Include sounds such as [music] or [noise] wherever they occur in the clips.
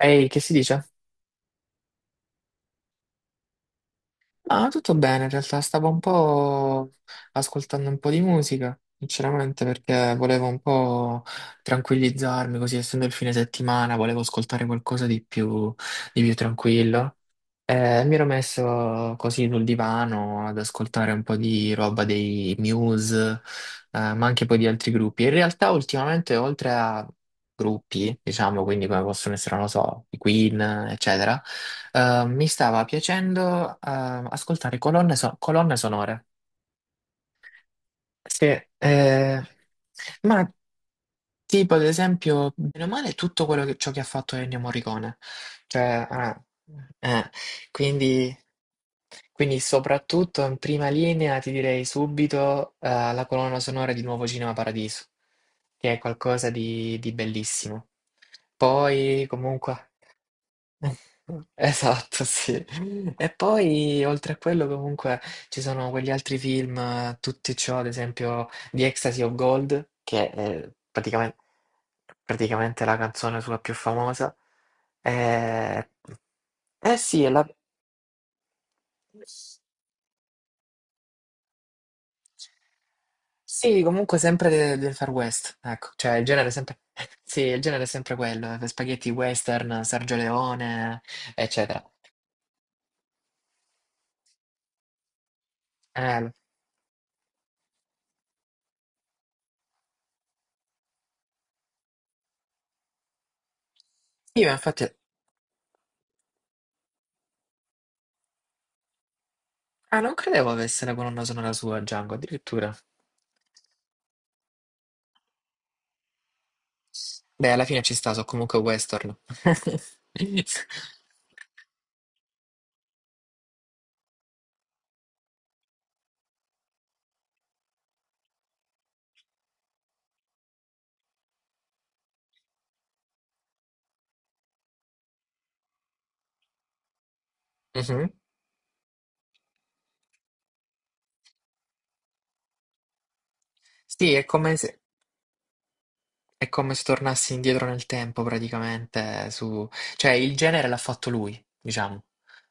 Ehi, che si dice? Ah, tutto bene, in realtà stavo un po' ascoltando un po' di musica, sinceramente, perché volevo un po' tranquillizzarmi, così essendo il fine settimana, volevo ascoltare qualcosa di più tranquillo. Mi ero messo così sul divano ad ascoltare un po' di roba dei Muse, ma anche poi di altri gruppi. In realtà ultimamente, oltre a gruppi, diciamo, quindi come possono essere, non lo so, i Queen, eccetera, mi stava piacendo, ascoltare colonne sonore. Sì, eh, ma tipo ad esempio, bene o male, tutto ciò che ha fatto Ennio Morricone. Cioè, eh, quindi... Quindi soprattutto in prima linea ti direi subito la colonna sonora di Nuovo Cinema Paradiso, che è qualcosa di bellissimo. Poi comunque... [laughs] Esatto, sì. E poi oltre a quello comunque ci sono quegli altri film, tutti ciò, ad esempio The Ecstasy of Gold, che è praticamente la canzone sua più famosa. Eh, eh sì, è la... Sì, comunque sempre del Far West, ecco, cioè il genere è sempre, [laughs] sì, il genere è sempre quello, spaghetti western, Sergio Leone, eccetera. Eh, io infatti, ah, non credevo avesse la colonna sonora sua, Django, addirittura. Beh, alla fine ci sta, so comunque western. [laughs] Mhm. Sì, è come se tornassi indietro nel tempo praticamente, su... cioè il genere l'ha fatto lui, diciamo,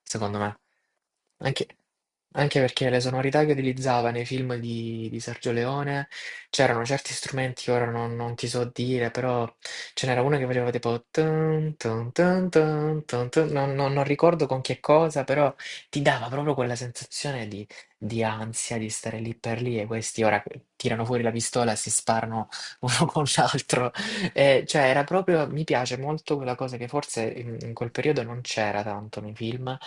secondo me. Anche, anche perché le sonorità che utilizzava nei film di Sergio Leone c'erano certi strumenti che ora non ti so dire, però ce n'era una che faceva tipo tun, tun, tun, tun, tun, tun. Non ricordo con che cosa, però ti dava proprio quella sensazione di ansia di stare lì per lì e questi ora tirano fuori la pistola e si sparano [laughs] uno con l'altro. E, cioè, era proprio, mi piace molto quella cosa che forse in quel periodo non c'era tanto nei film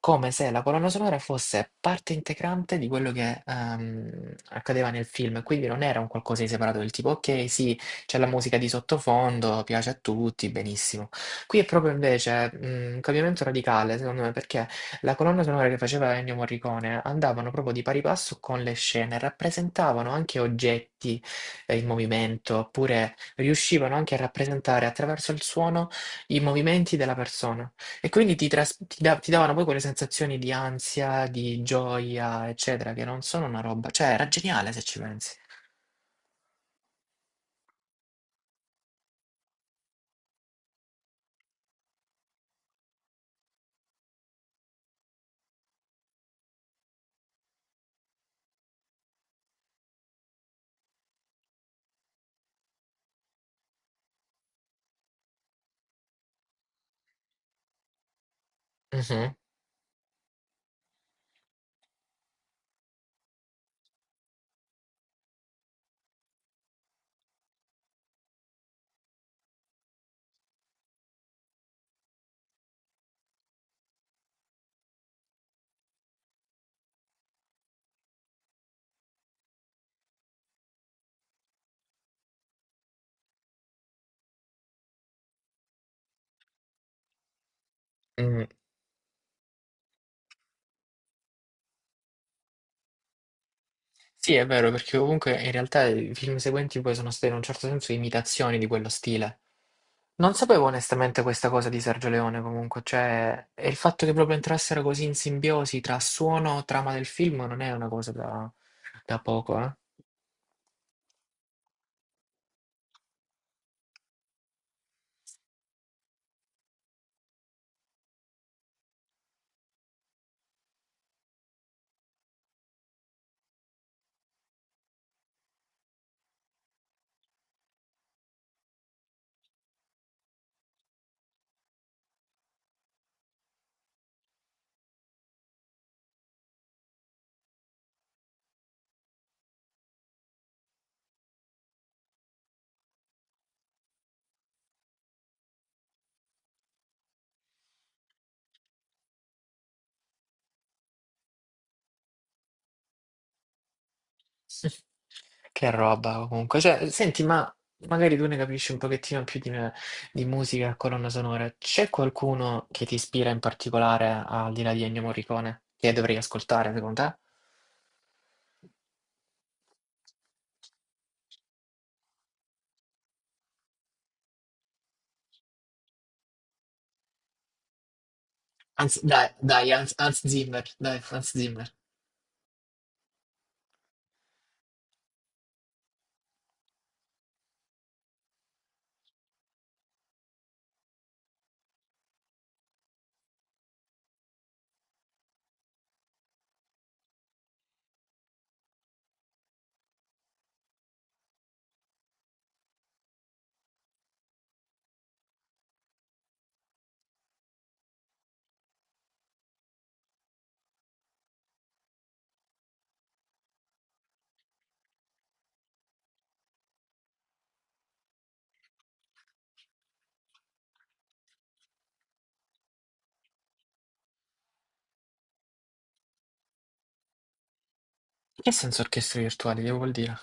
come se la colonna sonora fosse parte integrante di quello che, accadeva nel film, quindi non era un qualcosa di separato del tipo: "Okay, sì, c'è la musica di sottofondo, piace a tutti, benissimo". Qui è proprio invece, un cambiamento radicale secondo me, perché la colonna sonora che faceva Ennio Morricone andavano proprio di pari passo con le scene, rappresentavano anche oggetti, in movimento, oppure riuscivano anche a rappresentare attraverso il suono i movimenti della persona. E quindi ti, tras- ti da- ti davano poi quelle sensazioni di ansia, di gioia, eccetera, che non sono una roba. Cioè, era geniale se ci pensi. Mhm, mm. Sì, è vero, perché comunque in realtà i film seguenti poi sono state in un certo senso imitazioni di quello stile. Non sapevo onestamente questa cosa di Sergio Leone comunque, cioè, e il fatto che proprio entrassero così in simbiosi tra suono e trama del film non è una cosa da poco, eh. Che roba comunque. Cioè, senti, ma magari tu ne capisci un pochettino più di me di musica e colonna sonora. C'è qualcuno che ti ispira in particolare al di là di Ennio Morricone che dovrei ascoltare secondo te? Anzi, dai, dai, Hans Zimmer, dai, Hans Zimmer. Che senso orchestre virtuali? Che vuol dire?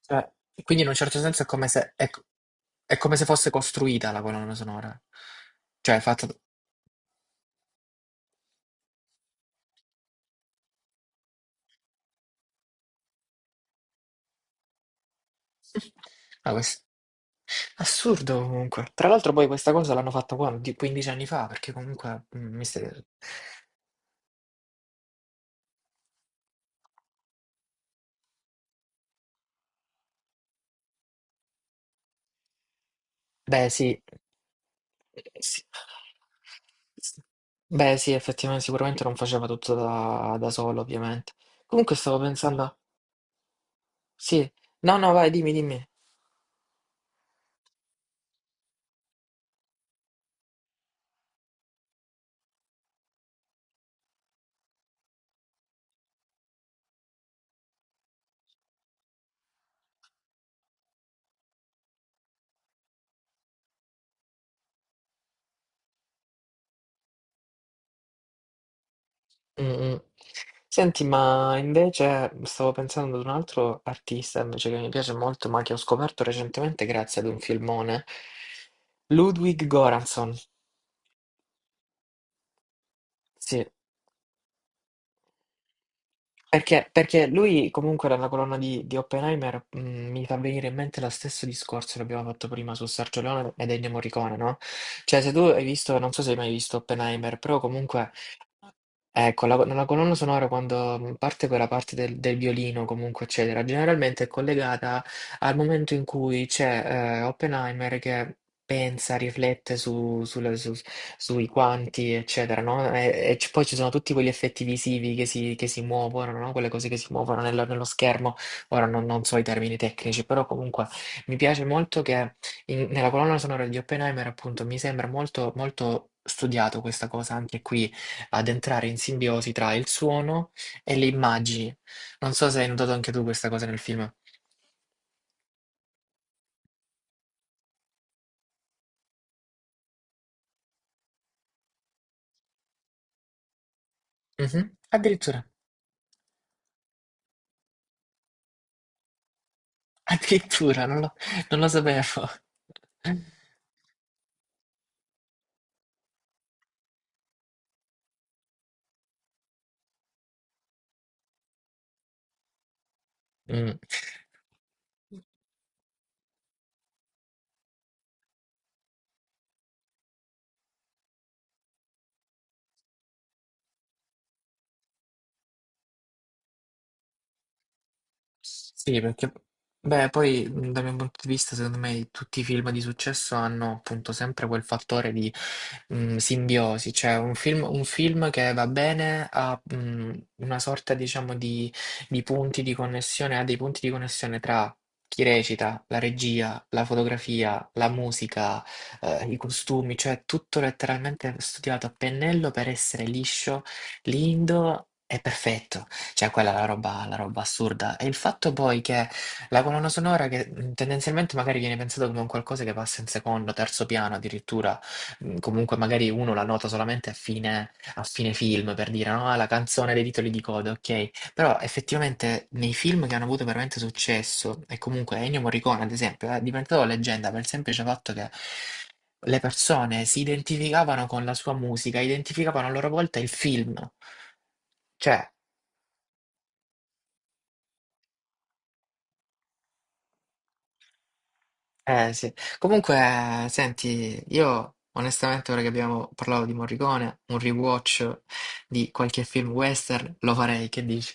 Cioè, quindi in un certo senso è come se fosse costruita la colonna sonora. Cioè, è fatta... [laughs] Ah, questo- Assurdo comunque. Tra l'altro poi questa cosa l'hanno fatta qua di 15 anni fa, perché comunque mm, mi stai- Beh, sì. Eh, sì. Beh, sì, effettivamente sicuramente non faceva tutto da solo, ovviamente. Comunque stavo pensando, sì. No, no, vai, dimmi, dimmi. Mm, mm. Senti, ma invece stavo pensando ad un altro artista invece che mi piace molto, ma che ho scoperto recentemente grazie ad un filmone. Ludwig Göransson. Sì. Perché lui comunque dalla colonna di Oppenheimer mi fa venire in mente lo stesso discorso che abbiamo fatto prima su Sergio Leone ed Ennio Morricone, no? Cioè se tu hai visto, non so se hai mai visto Oppenheimer, però comunque con la colonna sonora quando parte quella parte del violino, comunque, eccetera, generalmente è collegata al momento in cui c'è Oppenheimer che pensa, riflette sui quanti, eccetera, no? E, poi ci sono tutti quegli effetti visivi che si muovono, no? Quelle cose che si muovono nello, nello schermo. Ora non so i termini tecnici, però comunque mi piace molto che nella colonna sonora di Oppenheimer, appunto, mi sembra molto studiato questa cosa anche qui ad entrare in simbiosi tra il suono e le immagini. Non so se hai notato anche tu questa cosa nel film. Mhm. Addirittura, [laughs] addirittura, non lo sapevo. [laughs] Mm. Sì, perché, beh, poi dal mio punto di vista, secondo me, tutti i film di successo hanno appunto sempre quel fattore di simbiosi, cioè un film che va bene ha una sorta, diciamo, di punti di connessione, ha dei punti di connessione tra chi recita, la regia, la fotografia, la musica, i costumi, cioè tutto letteralmente studiato a pennello per essere liscio, lindo e perfetto. Cioè quella è la roba assurda. E il fatto poi che la colonna sonora che, tendenzialmente magari viene pensato come un qualcosa che passa in secondo, terzo piano addirittura, comunque magari uno la nota solamente a fine film per dire, no: "Ah, la canzone dei titoli di coda", okay, però effettivamente nei film che hanno avuto veramente successo e comunque Ennio Morricone ad esempio è diventato leggenda per il semplice fatto che le persone si identificavano con la sua musica, identificavano a loro volta il film. Cioè eh sì, comunque senti, io onestamente ora che abbiamo parlato di Morricone, un rewatch di qualche film western lo farei, che dici?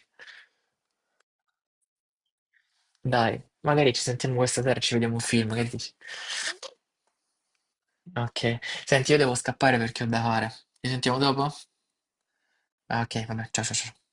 Dai, magari ci sentiamo questa sera e ci vediamo un film, che dici? Ok, senti, io devo scappare perché ho da fare. Ci sentiamo dopo? Ah, Ok, vabbè, ciao ciao ciao.